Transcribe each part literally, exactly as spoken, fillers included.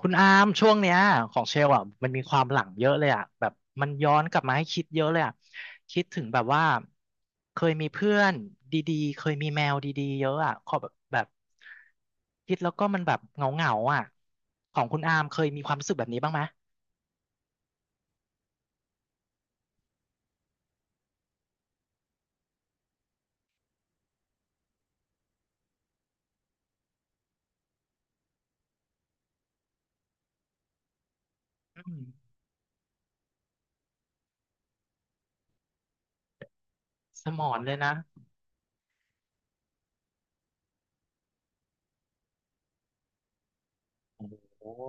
คุณอามช่วงเนี้ยของเชลอ่ะมันมีความหลังเยอะเลยอ่ะแบบมันย้อนกลับมาให้คิดเยอะเลยอ่ะคิดถึงแบบว่าเคยมีเพื่อนดีๆเคยมีแมวดีๆเยอะอ่ะขอแบบแบบคิดแล้วก็มันแบบเหงาๆอ่ะของคุณอามเคยมีความรู้สึกแบบนี้บ้างไหมอืมสมอนเลยนะโอ้โห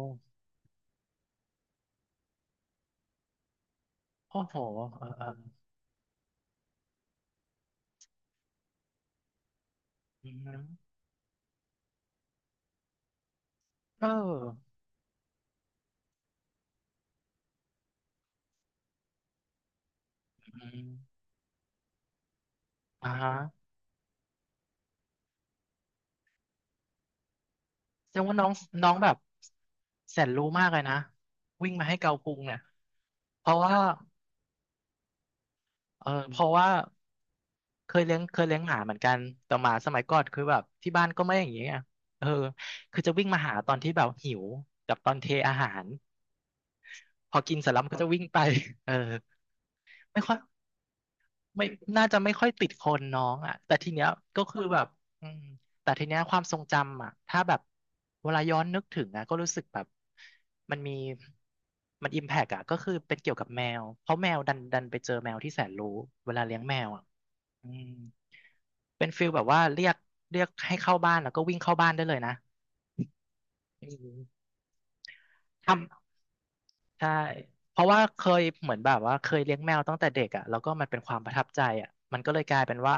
โอ้โหเออเอออืมเอออืมอ่า แสดงว่าน้องน้องแบบแสนรู้มากเลยนะวิ่งมาให้เกาพุงเนี่ยเพราะว่าเออเพราะว่าเคยเลี้ยงเคยเลี้ยงหมาเหมือนกันแต่หมาสมัยก่อนคือแบบที่บ้านก็ไม่อย่างนี้ไงเออคือจะวิ่งมาหาตอนที่แบบหิวกับตอนเทอาหารพอกินเสร็จแล้วมันก็จะวิ่งไปเออไม่ค่อย ไม่น่าจะไม่ค่อยติดคนน้องอ่ะแต่ทีเนี้ยก็คือแบบอืมแต่ทีเนี้ยความทรงจำอ่ะถ้าแบบเวลาย้อนนึกถึงอ่ะก็รู้สึกแบบมันมีมันอิมแพกอ่ะก็คือเป็นเกี่ยวกับแมวเพราะแมวดันดันไปเจอแมวที่แสนรู้เวลาเลี้ยงแมวอ่ะอืมเป็นฟิลแบบว่าเรียกเรียกให้เข้าบ้านแล้วก็วิ่งเข้าบ้านได้เลยนะอืมทำ ใช่เพราะว่าเคยเหมือนแบบว่าเคยเลี้ยงแมวตั้งแต่เด็กอ่ะแล้วก็มันเป็นความประทับใจอ่ะมันก็เลยกลายเป็นว่า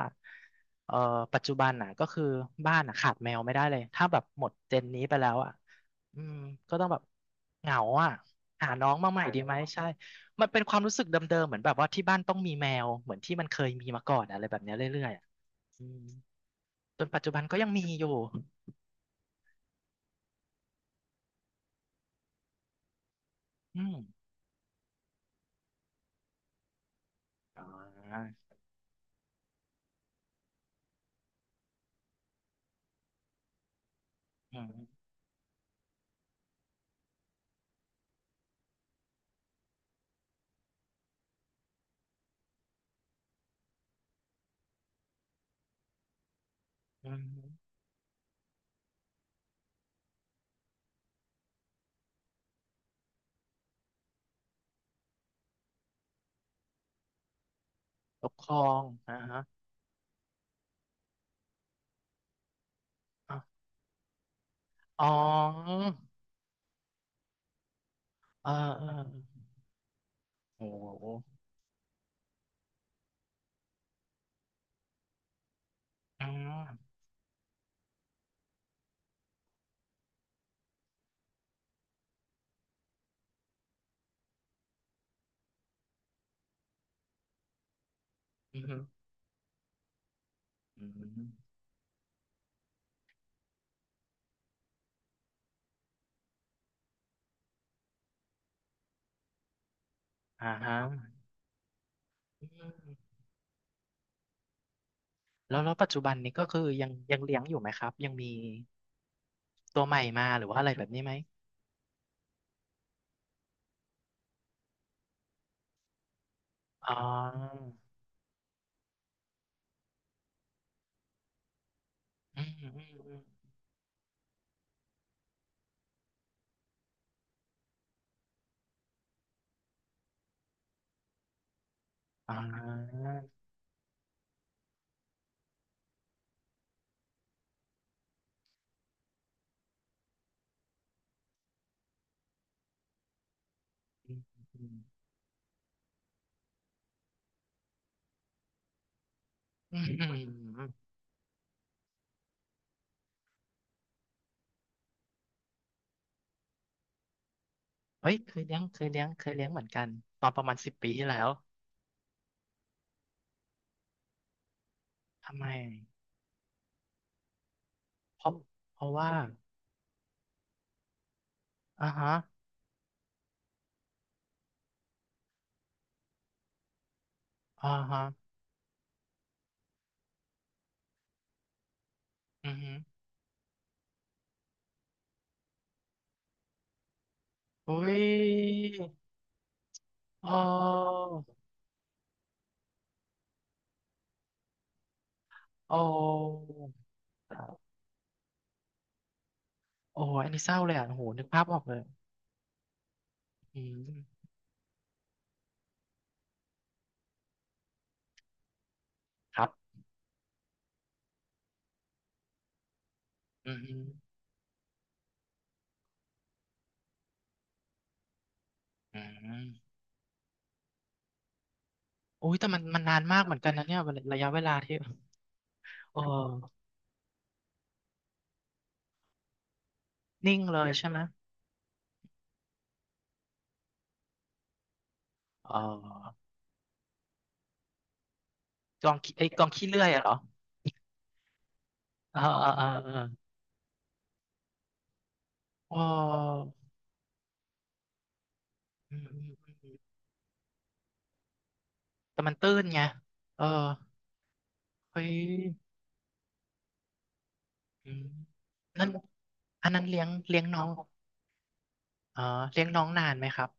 เอ่อปัจจุบันน่ะก็คือบ้านน่ะขาดแมวไม่ได้เลย ถ้าแบบหมดเจนนี้ไปแล้วอ่ะอืมก็ต้องแบบเหงาอ่ะหาน้องมาใหม่ดีไหม ใช่ มันเป็นความรู้สึกเดิมๆเหมือนแบบว่าที่บ้านต้องมีแมว เหมือนที่มันเคยมีมาก่อนอะไรแบบเนี้ยเรื่อยๆอะอืมจนปัจจุบันก็ยังมีอยู่อืมอ่าอืมอืมปกครองนะฮะอ๋อ อ่าอ่าโอ้โหอ่าอืมอืมอ่าฮะอืมแล้วแล้วปัจจุบันนี้ก็คือยังยังเลี้ยงอยู่ไหมครับยังมีตัวใหม่มาหรือว่าอะไรแบบนี้ไหมอ๋ออืมอืมอืมอ่าอืมอืมอืมอืมเฮ้ยเคยเลี้ยงเคยเลี้ยงเคยเลี้ยงเหมือนกันตอนประมาณสิบปีที่แล้วทำไมเพราะเพราะว่าอ่าฮะอ่าฮะอือฮึอุ้ยอ๋อโอ้ โอ้ยอันนี้เศร้าเลยอ่ะโอ้โหนึกภาพออกเลยอืมครับอืมอืมโอ้ยแต่มันมันนานมากเหมือนกันนะเนี่ยระยะเวลาที่เออนิ่งเลยใช่ไหมเออกองขี้ไอ้ยกองขี้เลื่อยอะเหรอเออเออเออเออเอออืมแต่มันตื้นไงเออเฮ้ยอืมนั่นอันนั้นเลี้ยงเลี้ยงน้องอ๋อเลี้ยงน้องนานไหมครับ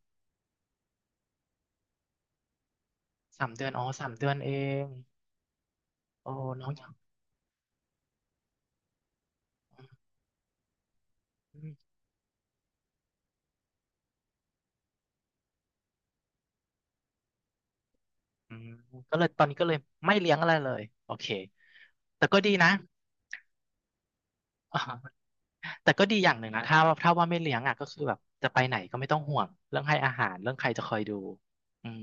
สามเดือนอ๋อสามเดือนเองโอ้น้อง อืมก็เลยตอนนี้ก็เลยไม่เลี้ยงอะไรเลยโอเคแต่ก็ดีนะ อ่าแต่ก็ดีอย่างหนึ่งนะถ้าว่าถ้าว่าไม่เลี้ยงอ่ะก็คือแบบจะไปไหนก็ไม่ต้องห่วงเรื่องให้อาหารเรื่องใครจะคอยดูอืม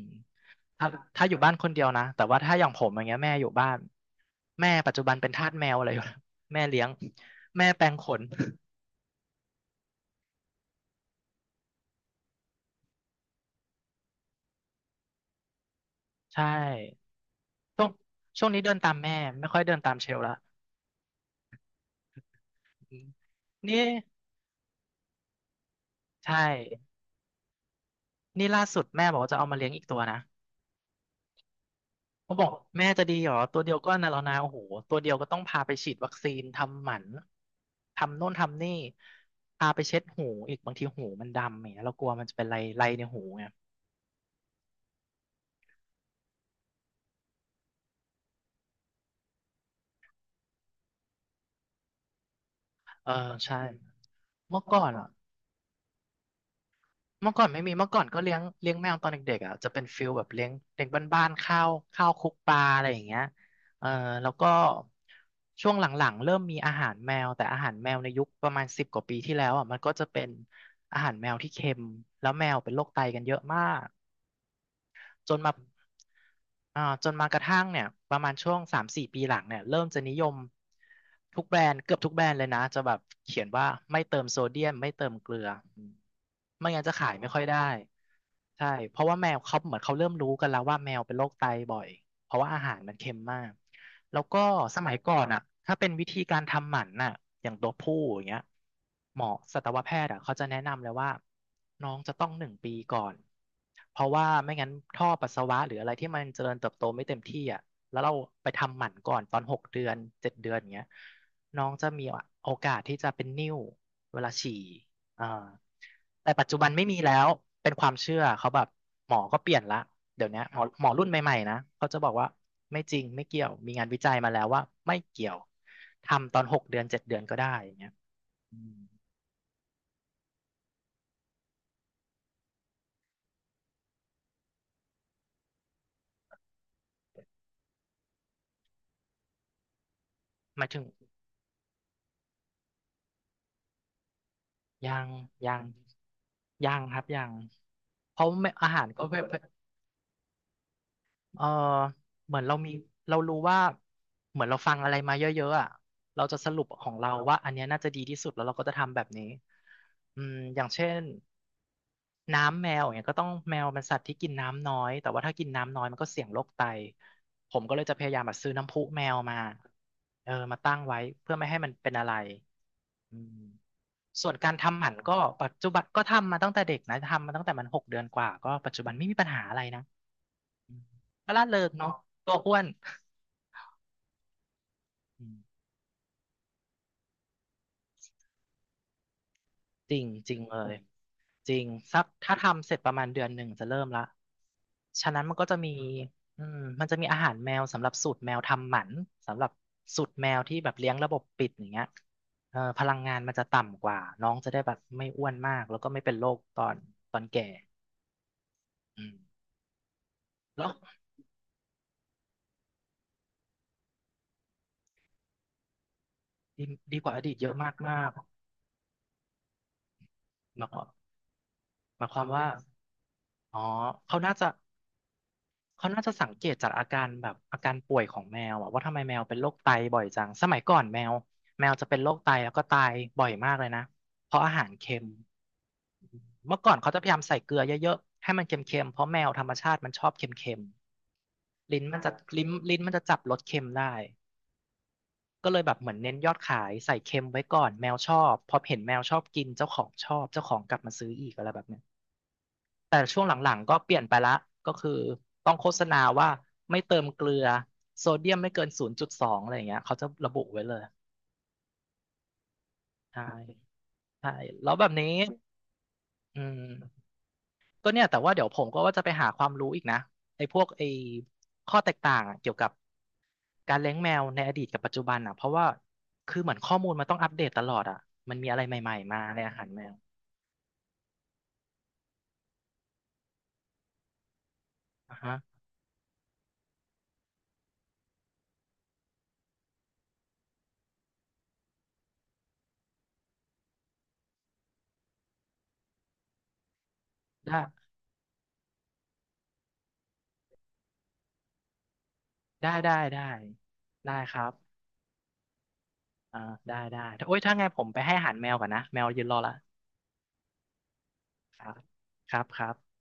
ถ้าถ้าอยู่บ้านคนเดียวนะแต่ว่าถ้าอย่างผมอย่างเงี้ยแม่อยู่บ้านแม่ปัจจุบันเป็นทาสแมวอะไรอยู่ แล้วแม่เลี้ยงแม่แปรงขนใช่ช่วงช่วงนี้เดินตามแม่ไม่ค่อยเดินตามเชลละอืมนี่ใช่นี่ล่าสุดแม่บอกว่าจะเอามาเลี้ยงอีกตัวนะ เขาบอกแม่จะดีเหรอตัวเดียวก็น่ะแล้วนะโอ้โหตัวเดียวก็ต้องพาไปฉีดวัคซีนทำหมันทำโน่นทำนี่พาไปเช็ดหูอีกบางทีหูมันดำอย่างเงี้ยเรากลัวมันจะเป็นไรไรในหูไงเออใช่เมื่อก่อนอ่ะ เมื่อก่อนไม่มีเมื่อก่อนก็เลี้ยงเลี้ยงแมวตอนเด็กๆอ่ะจะเป็นฟิลแบบเลี้ยงเด็กบ้านๆข้าวข้าวคลุกปลาอะไรอย่างเงี้ยเออแล้วก็ช่วงหลังๆเริ่มมีอาหารแมวแต่อาหารแมวในยุคประมาณสิบกว่าปีที่แล้วอ่ะมันก็จะเป็นอาหารแมวที่เค็มแล้วแมวเป็นโรคไตกันเยอะมาก จนมาอ่าจนมากระทั่งเนี่ยประมาณช่วงสามสี่ปีหลังเนี่ยเริ่มจะนิยมทุกแบรนด์เกือบทุกแบรนด์เลยนะจะแบบเขียนว่าไม่เติมโซเดียมไม่เติมเกลืออืมไม่งั้นจะขายไม่ค่อยได้ใช่เพราะว่าแมวเขาเหมือนเขาเริ่มรู้กันแล้วว่าแมวเป็นโรคไตบ่อย เพราะว่าอาหารมันเค็มมาก แล้วก็สมัยก่อนอ่ะถ้าเป็นวิธีการทำหมันน่ะอย่างตัวผู้อย่างเงี้ยหมอสัตวแพทย์อ่ะเขาจะแนะนำเลยว่าน้องจะต้องหนึ่งปีก่อน เพราะว่าไม่งั้นท่อปัสสาวะหรืออะไรที่มันเจริญเติบโตไม่เต็มที่อ่ะแล้วเราไปทำหมันก่อนตอนหกเดือนเจ็ดเดือนอย่างเงี้ยน้องจะมีโอกาสที่จะเป็นนิ่วเวลาฉี่อ่าแต่ปัจจุบันไม่มีแล้ว เป็นความเชื่อเขาแบบหมอก็เปลี่ยนละ เดี๋ยวเนี้ยหมอหมอรุ่นใหม่ๆนะเขาจะบอกว่าไม่จริงไม่เกี่ยวมีงานวิจัยมาแล้วว่าไม่เกี่ยวทำตอนหกเดือนเจ็ดเดือนก็ได้อย่างเงี้ยอืมหมายถึงยังยังยังครับยังเพราะไม่อาหารก็แบบเออเหมือนเรามีเรารู้ว่าเหมือนเราฟังอะไรมาเยอะๆอ่ะเราจะสรุปของเราว่าอันเนี้ยน่าจะดีที่สุดแล้วเราก็จะทำแบบนี้อืมอย่างเช่น น้ำแมวอย่างเงี้ยก็ต้องแมวมันสัตว์ที่กินน้ำน้อยแต่ว่าถ้ากินน้ำน้อยมันก็เสี่ยงโรคไตผมก็เลยจะพยายามแบบซื้อน้ำพุแมวมาเออมาตั้งไว้เพื่อไม่ให้มันเป็นอะไรอืมส่วนการทำหมันก็ปัจจุบันก็ทำมาตั้งแต่เด็กนะทำมาตั้งแต่มันหกเดือนกว่าก็ปัจจุบันไม่มีปัญหาอะไรนะอืมก็ล่าเริงเนาะตัวอ้วนอืม จริงจริงเลยจริงสักถ้าทำเสร็จประมาณเดือนหนึ่งจะเริ่มละฉะนั้นมันก็จะมีอืมมันจะมีอาหารแมวสำหรับสูตรแมวทำหมันสำหรับสูตรแมวที่แบบเลี้ยงระบบปิดอย่างเงี้ยเออพลังงานมันจะต่ำกว่าน้องจะได้แบบไม่อ้วนมากแล้วก็ไม่เป็นโรคตอนตอนแก่อืมแล้วดีดีกว่าอดีตเยอะมากมากหมายความหมายความว่าอ๋อเขาน่าจะ เขาน่าจะสังเกตจากอาการแบบอาการป่วยของแมวอะว่าทำไมแมวเป็นโรคไตบ่อยจังสมัยก่อนแมวแมวจะเป็นโรคไตแล้วก็ตายบ่อยมากเลยนะเพราะอาหารเค็มเมื่อก่อนเขาจะพยายามใส่เกลือเยอะๆให้มันเค็มๆเพราะแมวธรรมชาติมันชอบเค็มๆลิ้นมันจะลิ้นลิ้นมันจะจับรสเค็มได้ก็เลยแบบเหมือนเน้นยอดขายใส่เค็มไว้ก่อนแมวชอบพอเห็นแมวชอบกินเจ้าของชอบเจ้าของกลับมาซื้ออีกอะไรแบบเนี้ย แต่ช่วงหลังๆก็เปลี่ยนไปละก็คือต้องโฆษณาว่าไม่เติมเกลือโซเดียมไม่เกินศูนย์จุดสองอะไรอย่างเงี้ยเขาจะระบุไว้เลยใช่ใช่แล้วแบบนี้อืมก็เนี่ยแต่ว่าเดี๋ยวผมก็ว่าจะไปหาความรู้อีกนะไอ้พวกไอ้ข้อแตกต่างอะเกี่ยวกับการเลี้ยงแมวในอดีตกับปัจจุบันอ่ะเพราะว่าคือเหมือนข้อมูลมันต้องอัปเดตตลอดอ่ะมันมีอะไรใหม่ๆมาในอาหารแมวอ่ะฮะได้ได้ได้ได้ได้ครับอ่าได้ได้โอ้ยถ้าไงผมไปให้อาหารแมวก่อนนะแมวยืนรอละ ครับครับครับ